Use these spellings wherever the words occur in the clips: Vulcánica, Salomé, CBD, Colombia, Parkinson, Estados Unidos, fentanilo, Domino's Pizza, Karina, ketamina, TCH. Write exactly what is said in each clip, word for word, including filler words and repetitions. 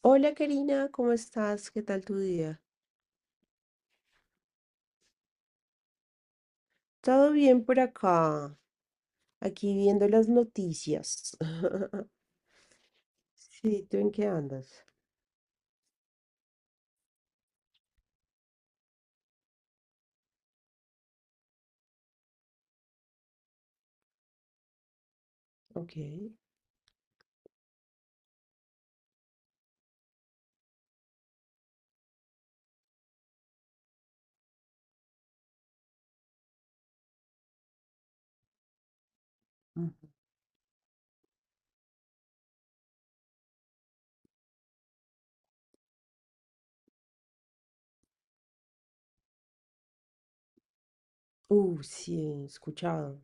Hola Karina, ¿cómo estás? ¿Qué tal tu día? Todo bien por acá, aquí viendo las noticias. Sí, ¿tú en qué andas? Ok. Mm. Uh, sí, he escuchado.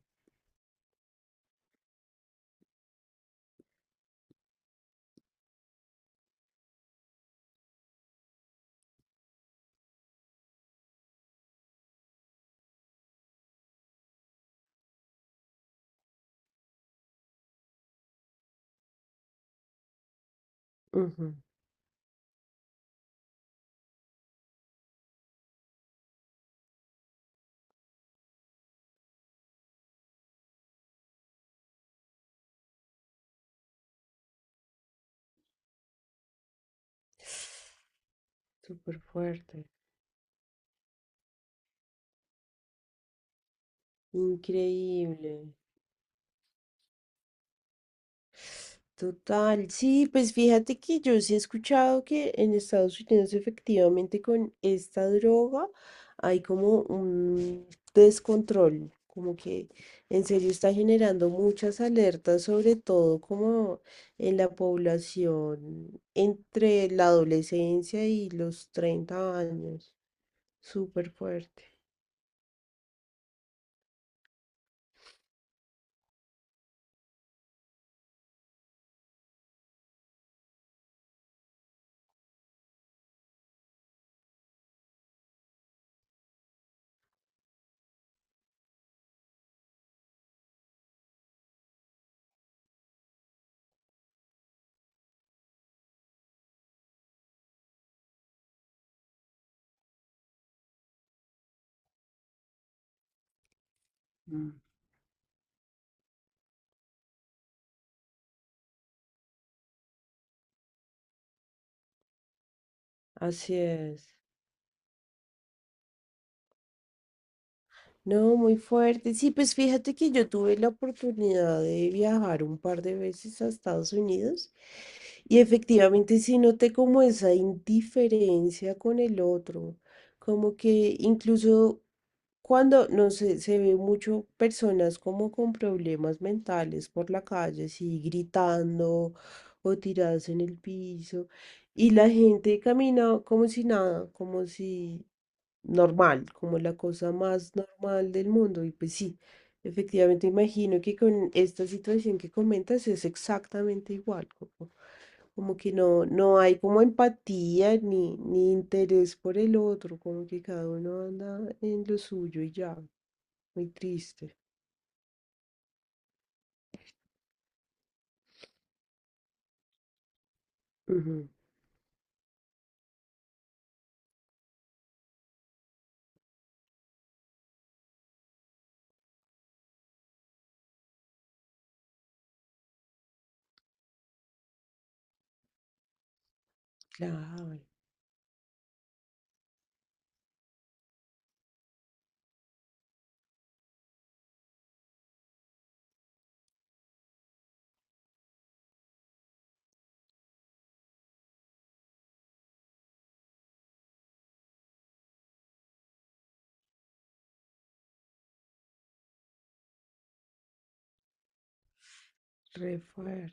Ujú. Súper fuerte. Increíble. Total, sí, pues fíjate que yo sí he escuchado que en Estados Unidos efectivamente con esta droga hay como un descontrol, como que en serio está generando muchas alertas, sobre todo como en la población entre la adolescencia y los treinta años, súper fuerte. Mm. Así es. No, muy fuerte. Sí, pues fíjate que yo tuve la oportunidad de viajar un par de veces a Estados Unidos y efectivamente sí noté como esa indiferencia con el otro, como que incluso cuando no sé, se ve mucho personas como con problemas mentales por la calle, así gritando o tiradas en el piso, y la gente camina como si nada, como si normal, como la cosa más normal del mundo. Y pues sí, efectivamente imagino que con esta situación que comentas es exactamente igual. Como que no, no hay como empatía ni, ni interés por el otro, como que cada uno anda en lo suyo y ya, muy triste. Ujú. Claro. Re fuerte.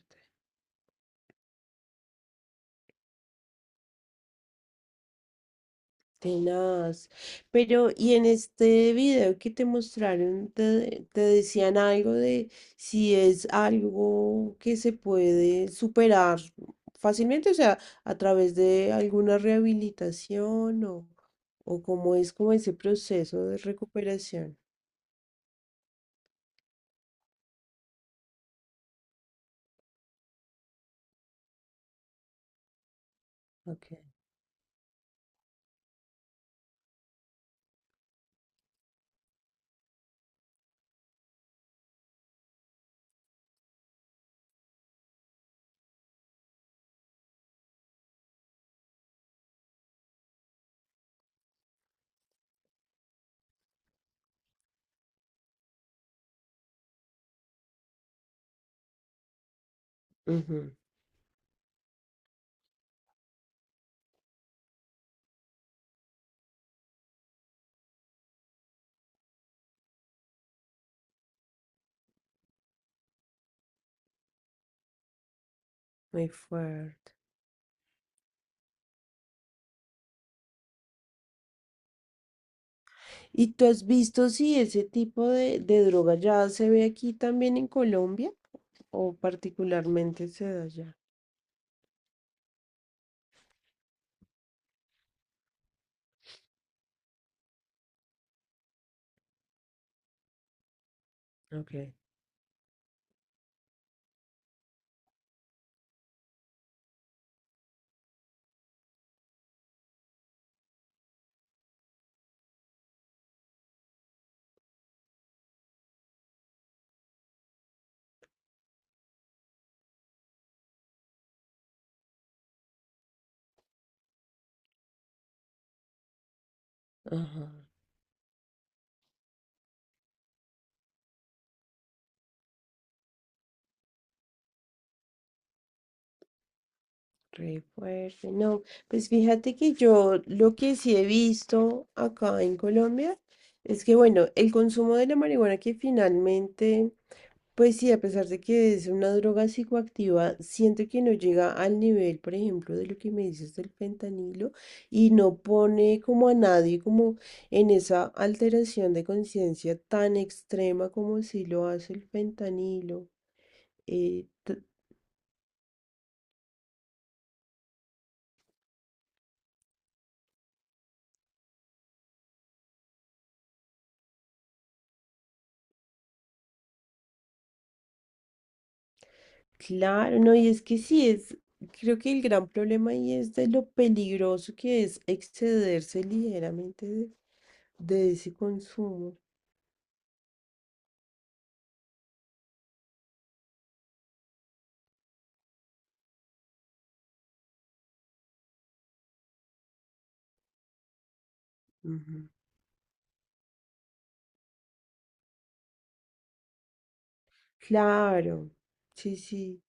Tenaz. Pero, ¿y en este video que te mostraron, te, te decían algo de si es algo que se puede superar fácilmente, o sea, a través de alguna rehabilitación o, o cómo es como ese proceso de recuperación? Ok. Ujú. Muy fuerte. ¿Y tú has visto si ese tipo de, de droga ya se ve aquí también en Colombia o particularmente se da allá? Ok. Ajá. Re fuerte. No, pues fíjate que yo lo que sí he visto acá en Colombia es que, bueno, el consumo de la marihuana que finalmente, pues sí, a pesar de que es una droga psicoactiva, siento que no llega al nivel, por ejemplo, de lo que me dices del fentanilo y no pone como a nadie como en esa alteración de conciencia tan extrema como si lo hace el fentanilo. Eh, Claro, no, y es que sí, es, creo que el gran problema ahí es de lo peligroso que es excederse ligeramente de, de ese consumo. Ujú. Claro, sí, sí.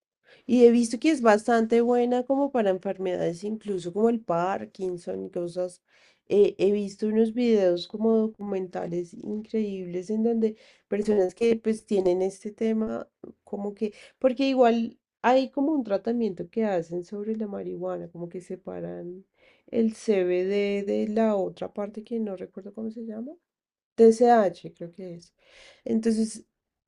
Y he visto que es bastante buena como para enfermedades, incluso como el Parkinson y cosas. Eh, he visto unos videos como documentales increíbles en donde personas que pues tienen este tema, como que, porque igual hay como un tratamiento que hacen sobre la marihuana, como que separan el C B D de la otra parte que no recuerdo cómo se llama. T C H, creo que es. Entonces,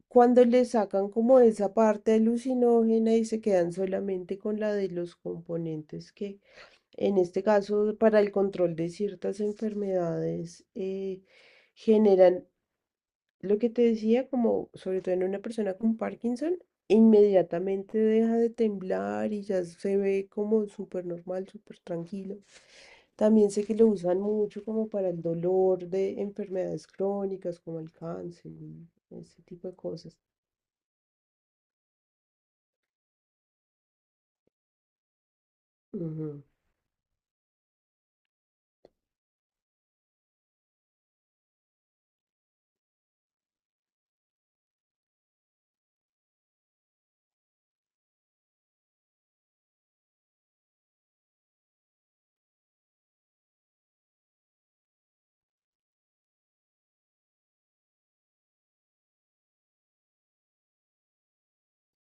cuando le sacan como esa parte alucinógena y se quedan solamente con la de los componentes que, en este caso, para el control de ciertas enfermedades, eh, generan lo que te decía, como sobre todo en una persona con Parkinson, inmediatamente deja de temblar y ya se ve como súper normal, súper tranquilo. También sé que lo usan mucho como para el dolor de enfermedades crónicas como el cáncer, y ese tipo de cosas. Ujú,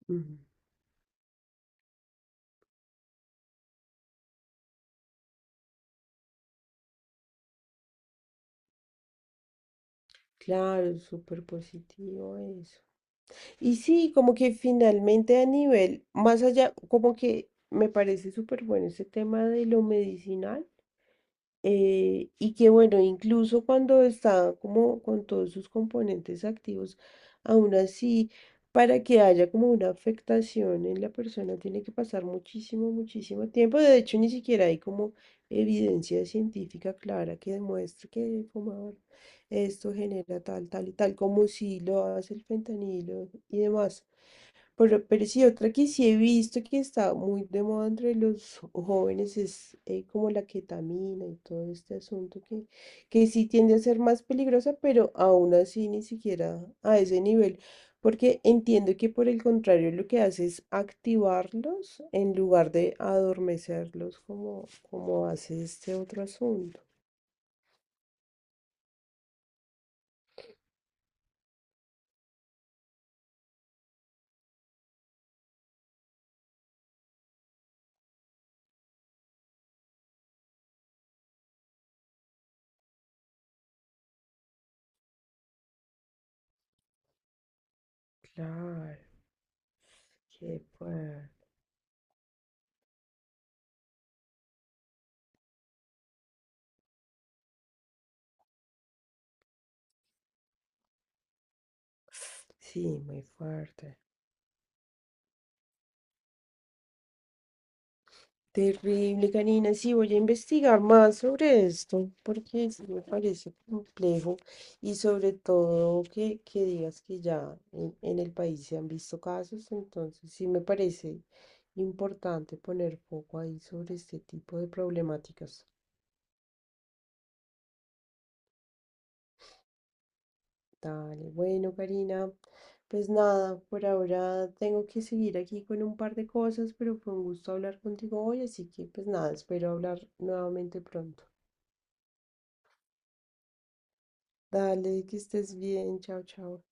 ujú. Claro, es súper positivo eso. Y sí, como que finalmente a nivel, más allá, como que me parece súper bueno ese tema de lo medicinal. eh, y que bueno, incluso cuando está como con todos sus componentes activos, aún así, para que haya como una afectación en la persona, tiene que pasar muchísimo, muchísimo tiempo. De hecho, ni siquiera hay como evidencia científica clara que demuestre que fumar esto genera tal, tal y tal, como si lo hace el fentanilo y demás. Pero, pero sí, otra que sí he visto que está muy de moda entre los jóvenes es eh, como la ketamina y todo este asunto que, que sí tiende a ser más peligrosa, pero aún así ni siquiera a ese nivel, porque entiendo que por el contrario lo que hace es activarlos en lugar de adormecerlos como, como hace este otro asunto. Claro, qué fuerte. Sí, muy fuerte. Terrible, Karina. Sí, voy a investigar más sobre esto, porque sí me parece complejo y sobre todo que, que digas que ya en, en el país se han visto casos, entonces sí me parece importante poner foco ahí sobre este tipo de problemáticas. Dale, bueno, Karina, pues nada, por ahora tengo que seguir aquí con un par de cosas, pero fue un gusto hablar contigo hoy, así que pues nada, espero hablar nuevamente pronto. Dale, que estés bien. Chao, chao.